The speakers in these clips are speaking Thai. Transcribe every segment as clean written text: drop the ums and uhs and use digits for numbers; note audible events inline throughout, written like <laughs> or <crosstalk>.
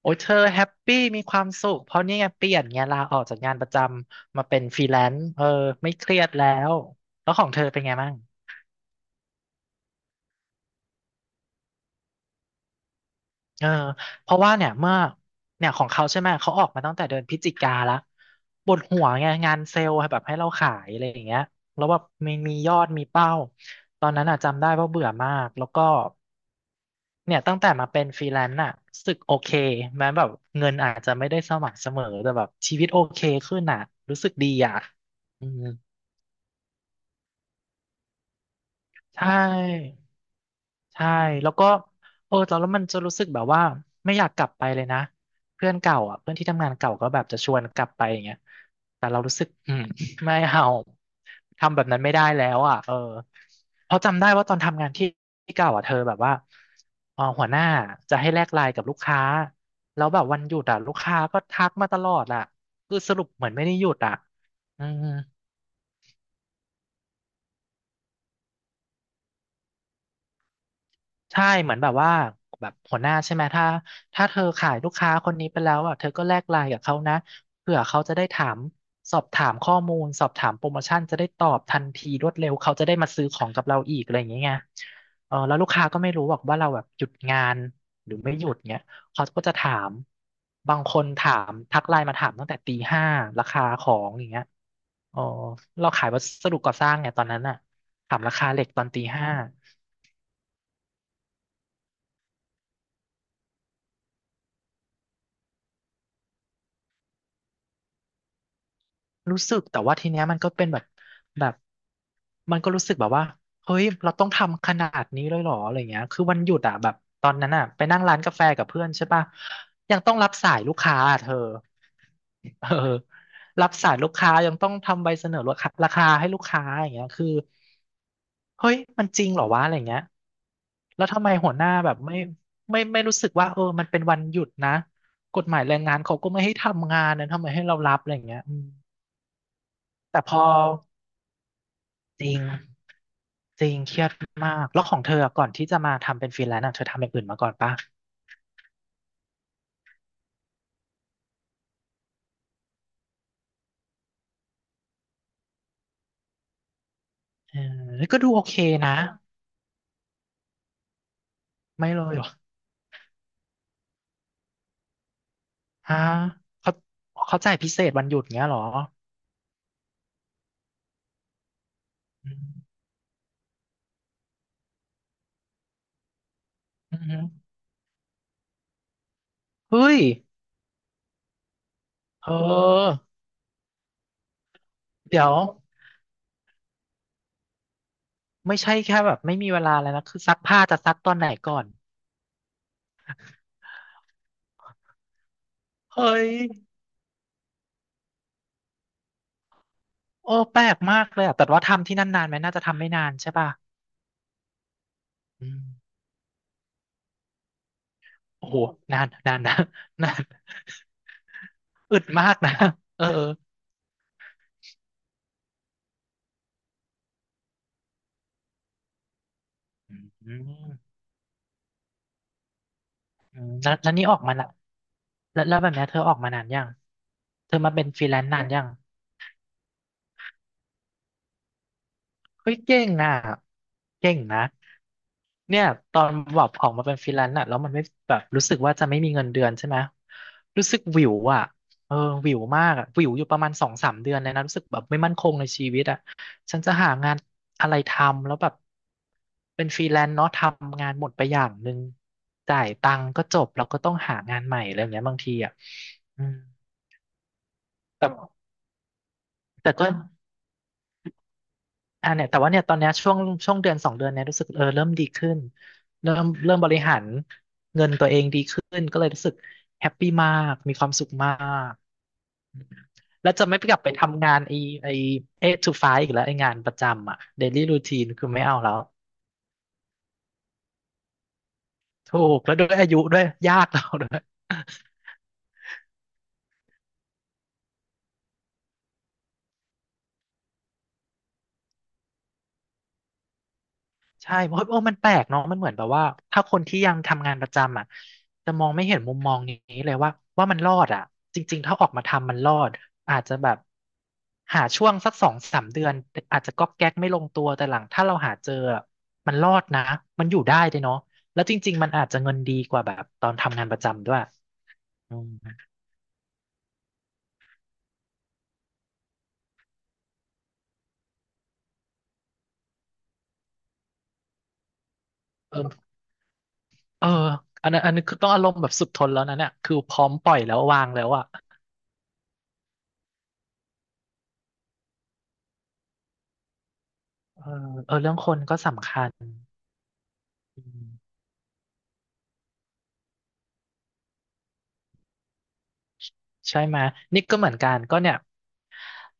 โอ้ยเธอแฮปปี้มีความสุขเพราะนี่ไงเปลี่ยนไงลาออกจากงานประจำมาเป็นฟรีแลนซ์เออไม่เครียดแล้วแล้วของเธอเป็นไงบ้างเออเพราะว่าเนี่ยเมื่อเนี่ยของเขาใช่ไหมเขาออกมาตั้งแต่เดือนพฤศจิกาละปวดหัวไงงานเซลล์แบบให้เราขายอะไรอย่างเงี้ยแล้วแบบมียอดมีเป้าตอนนั้นอ่ะจำได้ว่าเบื่อมากแล้วก็ เนี่ยตั้งแต่มาเป็นฟรีแลนซ์อะรู้สึกโอเคแม้แบบเงินอาจจะไม่ได้สม่ำเสมอแต่แบบชีวิตโอเคขึ้นอะรู้สึกดีอะอืมใช่ ใช่แล้วก็เออตอนแล้วมันจะรู้สึกแบบว่าไม่อยากกลับไปเลยนะเพื่อนเก่าอ่ะเพื่อนที่ทำงานเก่าก็แบบจะชวนกลับไปอย่างเงี้ยแต่เรารู้สึกอืม <laughs> ไม่เอาทำแบบนั้นไม่ได้แล้วอ่ะเออเพราะจำได้ว่าตอนทำงานที่ที่เก่าอ่ะเธอแบบว่าเออหัวหน้าจะให้แลกไลน์กับลูกค้าแล้วแบบวันหยุดอ่ะลูกค้าก็ทักมาตลอดอ่ะคือสรุปเหมือนไม่ได้หยุดอ่ะอืม ใช่เหมือนแบบว่าแบบหัวหน้าใช่ไหมถ้าเธอขายลูกค้าคนนี้ไปแล้วอ่ะเธอก็แลกไลน์กับเขานะเผื่อเขาจะได้ถามสอบถามข้อมูลสอบถามโปรโมชั่นจะได้ตอบทันทีรวดเร็วเขาจะได้มาซื้อของกับเราอีกอะไรอย่างเงี้ยไงเออแล้วลูกค้าก็ไม่รู้หรอกว่าเราแบบหยุดงานหรือไม่หยุดเงี้ยเขาก็จะถามบางคนถามทักไลน์มาถามตั้งแต่ตีห้าราคาของอย่างเงี้ยเออเราขายวัสดุก่อสร้างไงตอนนั้นอ่ะถามราคาเหล็กตอนตีห้า รู้สึกแต่ว่าทีเนี้ยมันก็เป็นแบบแบบมันก็รู้สึกแบบว่าเฮ้ยเราต้องทำขนาดนี้เลยเหรออะไรเงี้ยคือวันหยุดอ่ะแบบตอนนั้นอ่ะไปนั่งร้านกาแฟกับเพื่อนใช่ป่ะยังต้องรับสายลูกค้าอะเธอเออรับสายลูกค้ายังต้องทำใบเสนอราคาให้ลูกค้าอย่างเงี้ยคือเฮ้ยมันจริงเหรอวะอะไรเงี้ยแล้วทำไมหัวหน้าแบบไม่ไม่รู้สึกว่าเออมันเป็นวันหยุดนะกฎหมายแรงงานเขาก็ไม่ให้ทำงานนะทำไมให้เรารับอะไรเงี้ยอืม แต่พอจริงจริงเครียดมากแล้วของเธออะก่อนที่จะมาทำเป็นฟรีแลนซ์อะเธอทำอย่างอื่นมาก่อนปะเออก็ดูโอเคนะไม่เลยเหรอฮะเขาเขาจ่ายพิเศษวันหยุดเงี้ยเหรออืมอืมเฮ้ยเออเดี๋ยวไม่ใช่แค่แบบไม่มีเวลาแล้วนะคือซักผ้าจะซักตอนไหนก่อนเฮ้ยโอ้แปลกมากเลยอะแต่ว่าทำที่นั่นนานไหมน่าจะทำไม่นานใช่ป่ะอืมโอ้โหนานนานนะนาน อึดมากนะ <laughs> เอออืมอืมแล้วนี่ออกมาละแล้วแบบเนี้ยเธอออกมานานยังเธอมาเป็นฟรีแลนซ์นานยังเฮ้ยเก่งนะเก่งนะ เนี่ยตอนแบบออกมาเป็นฟรีแลนซ์อะแล้วมันไม่แบบรู้สึกว่าจะไม่มีเงินเดือนใช่ไหมรู้สึกหวิวอะเออหวิวมากอะหวิวอยู่ประมาณสองสามเดือนเลยนะรู้สึกแบบไม่มั่นคงในชีวิตอะฉันจะหางานอะไรทำแล้วแบบเป็นฟรีแลนซ์เนาะทำงานหมดไปอย่างหนึ่งจ่ายตังค์ก็จบแล้วก็ต้องหางานใหม่อะไรอย่างเงี้ยบางทีอะอืมแต่แต่ก็ อ่าเนี่ยแต่ว่าเนี่ยตอนเนี้ยช่วงเดือนสองเดือนเนี่ยรู้สึกเออเริ่มดีขึ้นเริ่มบริหารเงินตัวเองดีขึ้นก็เลยรู้สึกแฮปปี้มากมีความสุขมากแล้วจะไม่กลับไปทำงานไอเอทูไฟว์อีกแล้วไองานประจำอ่ะเดลี่รูทีนคือไม่เอาแล้วถูกแล้วด้วยอายุด้วยยากเราด้วย ใช่เพราะโอ้มันแปลกเนาะมันเหมือนแบบว่าถ้าคนที่ยังทำงานประจำอ่ะจะมองไม่เห็นมุมมองนี้เลยว่าว่ามันรอดอ่ะจริงๆถ้าออกมาทำมันรอดอาจจะแบบหาช่วงสักสองสามเดือนอาจจะก๊อกแก๊กไม่ลงตัวแต่หลังถ้าเราหาเจออะมันรอดนะมันอยู่ได้เลยเนาะแล้วจริงๆมันอาจจะเงินดีกว่าแบบตอนทำงานประจำด้วยอืมเออเอออันนั้นอันนี้คือต้องอารมณ์แบบสุดทนแล้วนะเนี่ยคือพร้อมปล่อยแล้ววางแล้วอ่ะเออเออเรื่องคนก็สำคัญอืม ใช่ไหมยนี่ก็เหมือนกันก็เนี่ย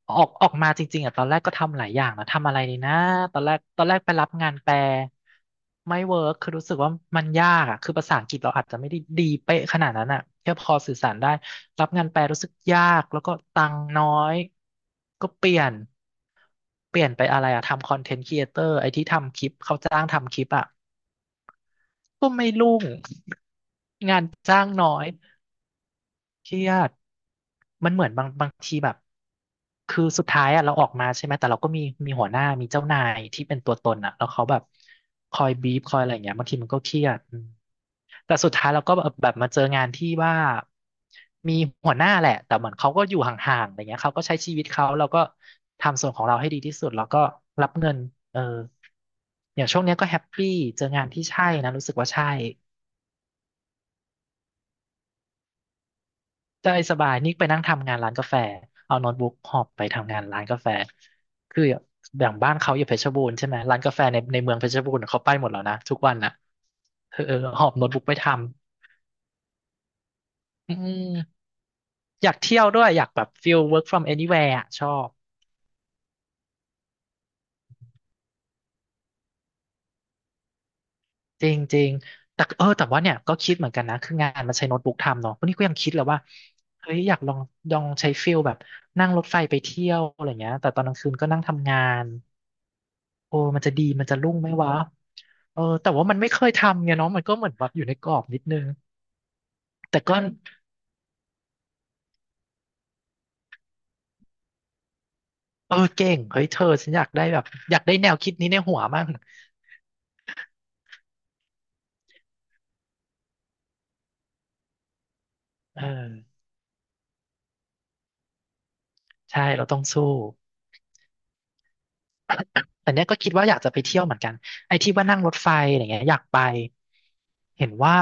ออกมาจริงๆอ่ะตอนแรกก็ทำหลายอย่างนะทำอะไรดีนะตอนแรกไปรับงานแปลไม่เวิร์คคือรู้สึกว่ามันยากอ่ะคือภาษาอังกฤษเราอาจจะไม่ได้ดีเป๊ะขนาดนั้นอ่ะแค่พอสื่อสารได้รับงานแปลรู้สึกยากแล้วก็ตังค์น้อยก็เปลี่ยนไปอะไรอ่ะทำคอนเทนต์ครีเอเตอร์ไอ้ที่ทำคลิปเขาจ้างทำคลิปอ่ะก็ไม่รุ่ง <laughs> งานจ้างน้อย เครียดมันเหมือนบางทีแบบคือสุดท้ายอะเราออกมาใช่ไหมแต่เราก็มีหัวหน้ามีเจ้านายที่เป็นตัวตนอะแล้วเขาแบบคอยบีบคอยอะไรอย่างเงี้ยบางทีมันก็เครียดอืมแต่สุดท้ายเราก็แบบมาเจองานที่ว่ามีหัวหน้าแหละแต่เหมือนเขาก็อยู่ห่างๆอะไรเงี้ยเขาก็ใช้ชีวิตเขาเราก็ทำส่วนของเราให้ดีที่สุดแล้วก็รับเงินเอออย่างช่วงเนี้ยก็แฮปปี้เจองานที่ใช่นะรู้สึกว่าใช่ ใช่สบายนี่ไปนั่งทำงานร้านกาแฟ เอาโน้ตบุ๊กหอบไปทำงานร้านกาแฟ คืออย่างบ้านเขาอยู่เพชรบูรณ์ใช่ไหมร้านกาแฟในเมืองเพชรบูรณ์เขาไปหมดแล้วนะทุกวันน่ะเออหอบโน้ตบุ๊กไปทำอืมอยากเที่ยวด้วยอยากแบบฟิล work from anywhere อะชอบจริงจริงแต่เออแต่ว่าเนี่ยก็คิดเหมือนกันนะคืองานมันใช้โน้ตบุ๊กทำเนาะวันนี้ก็ยังคิดเลยว่าเฮ้ยอยากลองลองใช้ฟิลแบบนั่งรถไฟไปเที่ยวอะไรเงี้ยแต่ตอนกลางคืนก็นั่งทำงานโอ้มันจะดีมันจะรุ่งไหมวะ เออแต่ว่ามันไม่เคยทำไงเนาะมันก็เหมือนแบบอยู่ในกรอบนิดนึงแต่ก็เออเก่งเฮ้ยเธอฉันอยากได้แบบอยากได้แนวคิดนี้ในหัวมั่งเออใช่เราต้องสู้ แต่เนี้ยก็คิดว่าอยากจะไปเที่ยวเหมือนกันไอ้ที่ว่านั่งรถไฟอะไรเงี้ยอยากไปเห็นว่า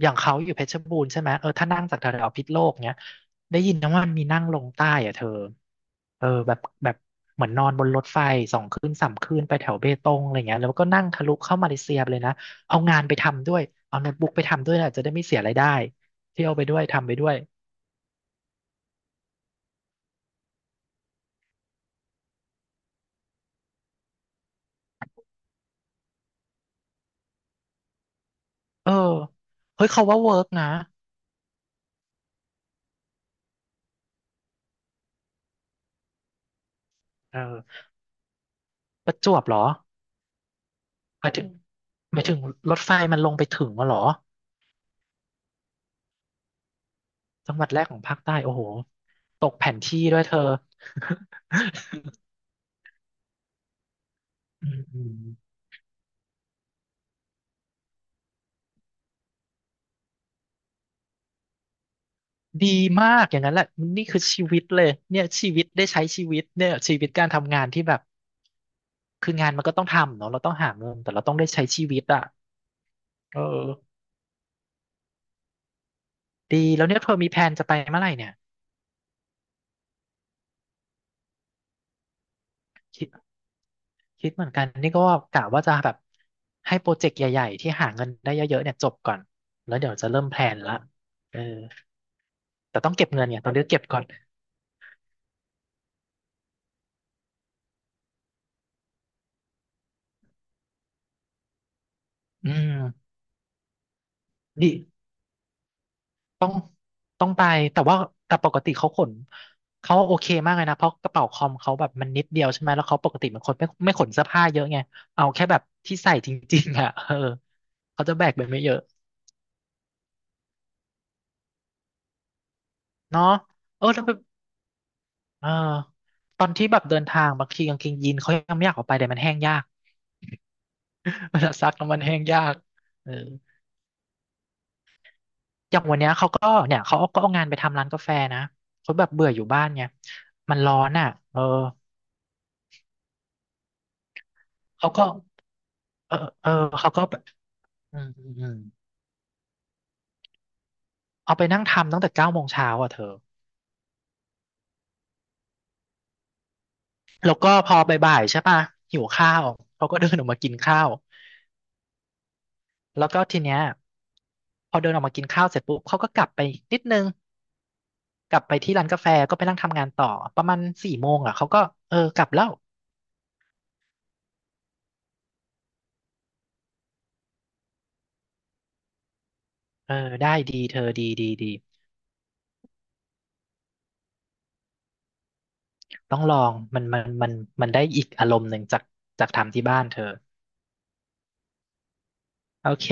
อย่างเขาอยู่เพชรบูรณ์ใช่ไหมเออถ้านั่งจากแถวๆพิษโลกเนี้ยได้ยินนะว่ามันมีนั่งลงใต้อะเธอเออแบบเหมือนนอนบนรถไฟ2 คืน 3 คืนไปแถวเบตงอะไรเงี้ยแล้วก็นั่งทะลุเข้ามาเลเซียไปเลยนะเอางานไปทำด้วยเอาโน้ตบุ๊กไปทำด้วยนะจะได้ไม่เสียรายได้เที่ยวไปด้วยทำไปด้วยเออเฮ้ยเขาว่าเวิร์กนะเออประจวบเหรอ หมายถึงหมายถึงรถไฟมันลงไปถึงวะเหรอจังหวัดแรกของภาคใต้โอ้โหตกแผนที่ด้วยเธออืมอืมดีมากอย่างนั้นแหละนี่คือชีวิตเลยเนี่ยชีวิตได้ใช้ชีวิตเนี่ยชีวิตการทำงานที่แบบคืองานมันก็ต้องทำเนาะเราต้องหาเงินแต่เราต้องได้ใช้ชีวิตอ่ะเออดีแล้วเนี่ยเธอมีแผนจะไปเมื่อไหร่เนี่ยคิดคิดเหมือนกันนี่ก็กะว่าจะแบบให้โปรเจกต์ใหญ่ๆที่หาเงินได้เยอะๆเนี่ยจบก่อนแล้วเดี๋ยวจะเริ่มแพลนละเออ แต่ต้องเก็บเงินเนี่ยตอนนี้เก็บก่อนอืมดิต้องต้องไปแต่ว่าแต่ปกติเขาขนเขาโอเคมากเลยนะเพราะกระเป๋าคอมเขาแบบมันนิดเดียวใช่ไหมแล้วเขาปกติเป็นคนไม่ขนเสื้อผ้าเยอะไงเอาแค่แบบที่ใส่จริงๆอ่ะเออเขาจะแบกไปไม่เยอะเนาะเออแล้วแบบเออตอนที่แบบเดินทางบางทีกางเกงยีนเขายังไม่อยากออกไปแต่มันแห้งยาก <laughs> เวลาซักแล้วมันแห้งยากเออ อย่างวันเนี้ยเขาก็เนี่ยเขาก็เอางานไปทำร้านกาแฟนะเขาแบบเบื่ออยู่บ้านไงมันร้อนอ่ะเออเขาก็เออเออเขาก็แบบอืมอืมอืมเอาไปนั่งทำตั้งแต่9 โมงเช้าอ่ะเธอแล้วก็พอบ่ายๆใช่ป่ะหิวข้าวเขาก็เดินออกมากินข้าวแล้วก็ทีเนี้ยพอเดินออกมากินข้าวเสร็จปุ๊บเขาก็กลับไปนิดนึงกลับไปที่ร้านกาแฟก็ไปนั่งทำงานต่อประมาณ4 โมงอ่ะเขาก็เออกลับแล้วเออได้ดีเธอดีดีดี ต้องลองมันมันได้อีกอารมณ์หนึ่งจากจากทำที่บ้านเธอ โอเค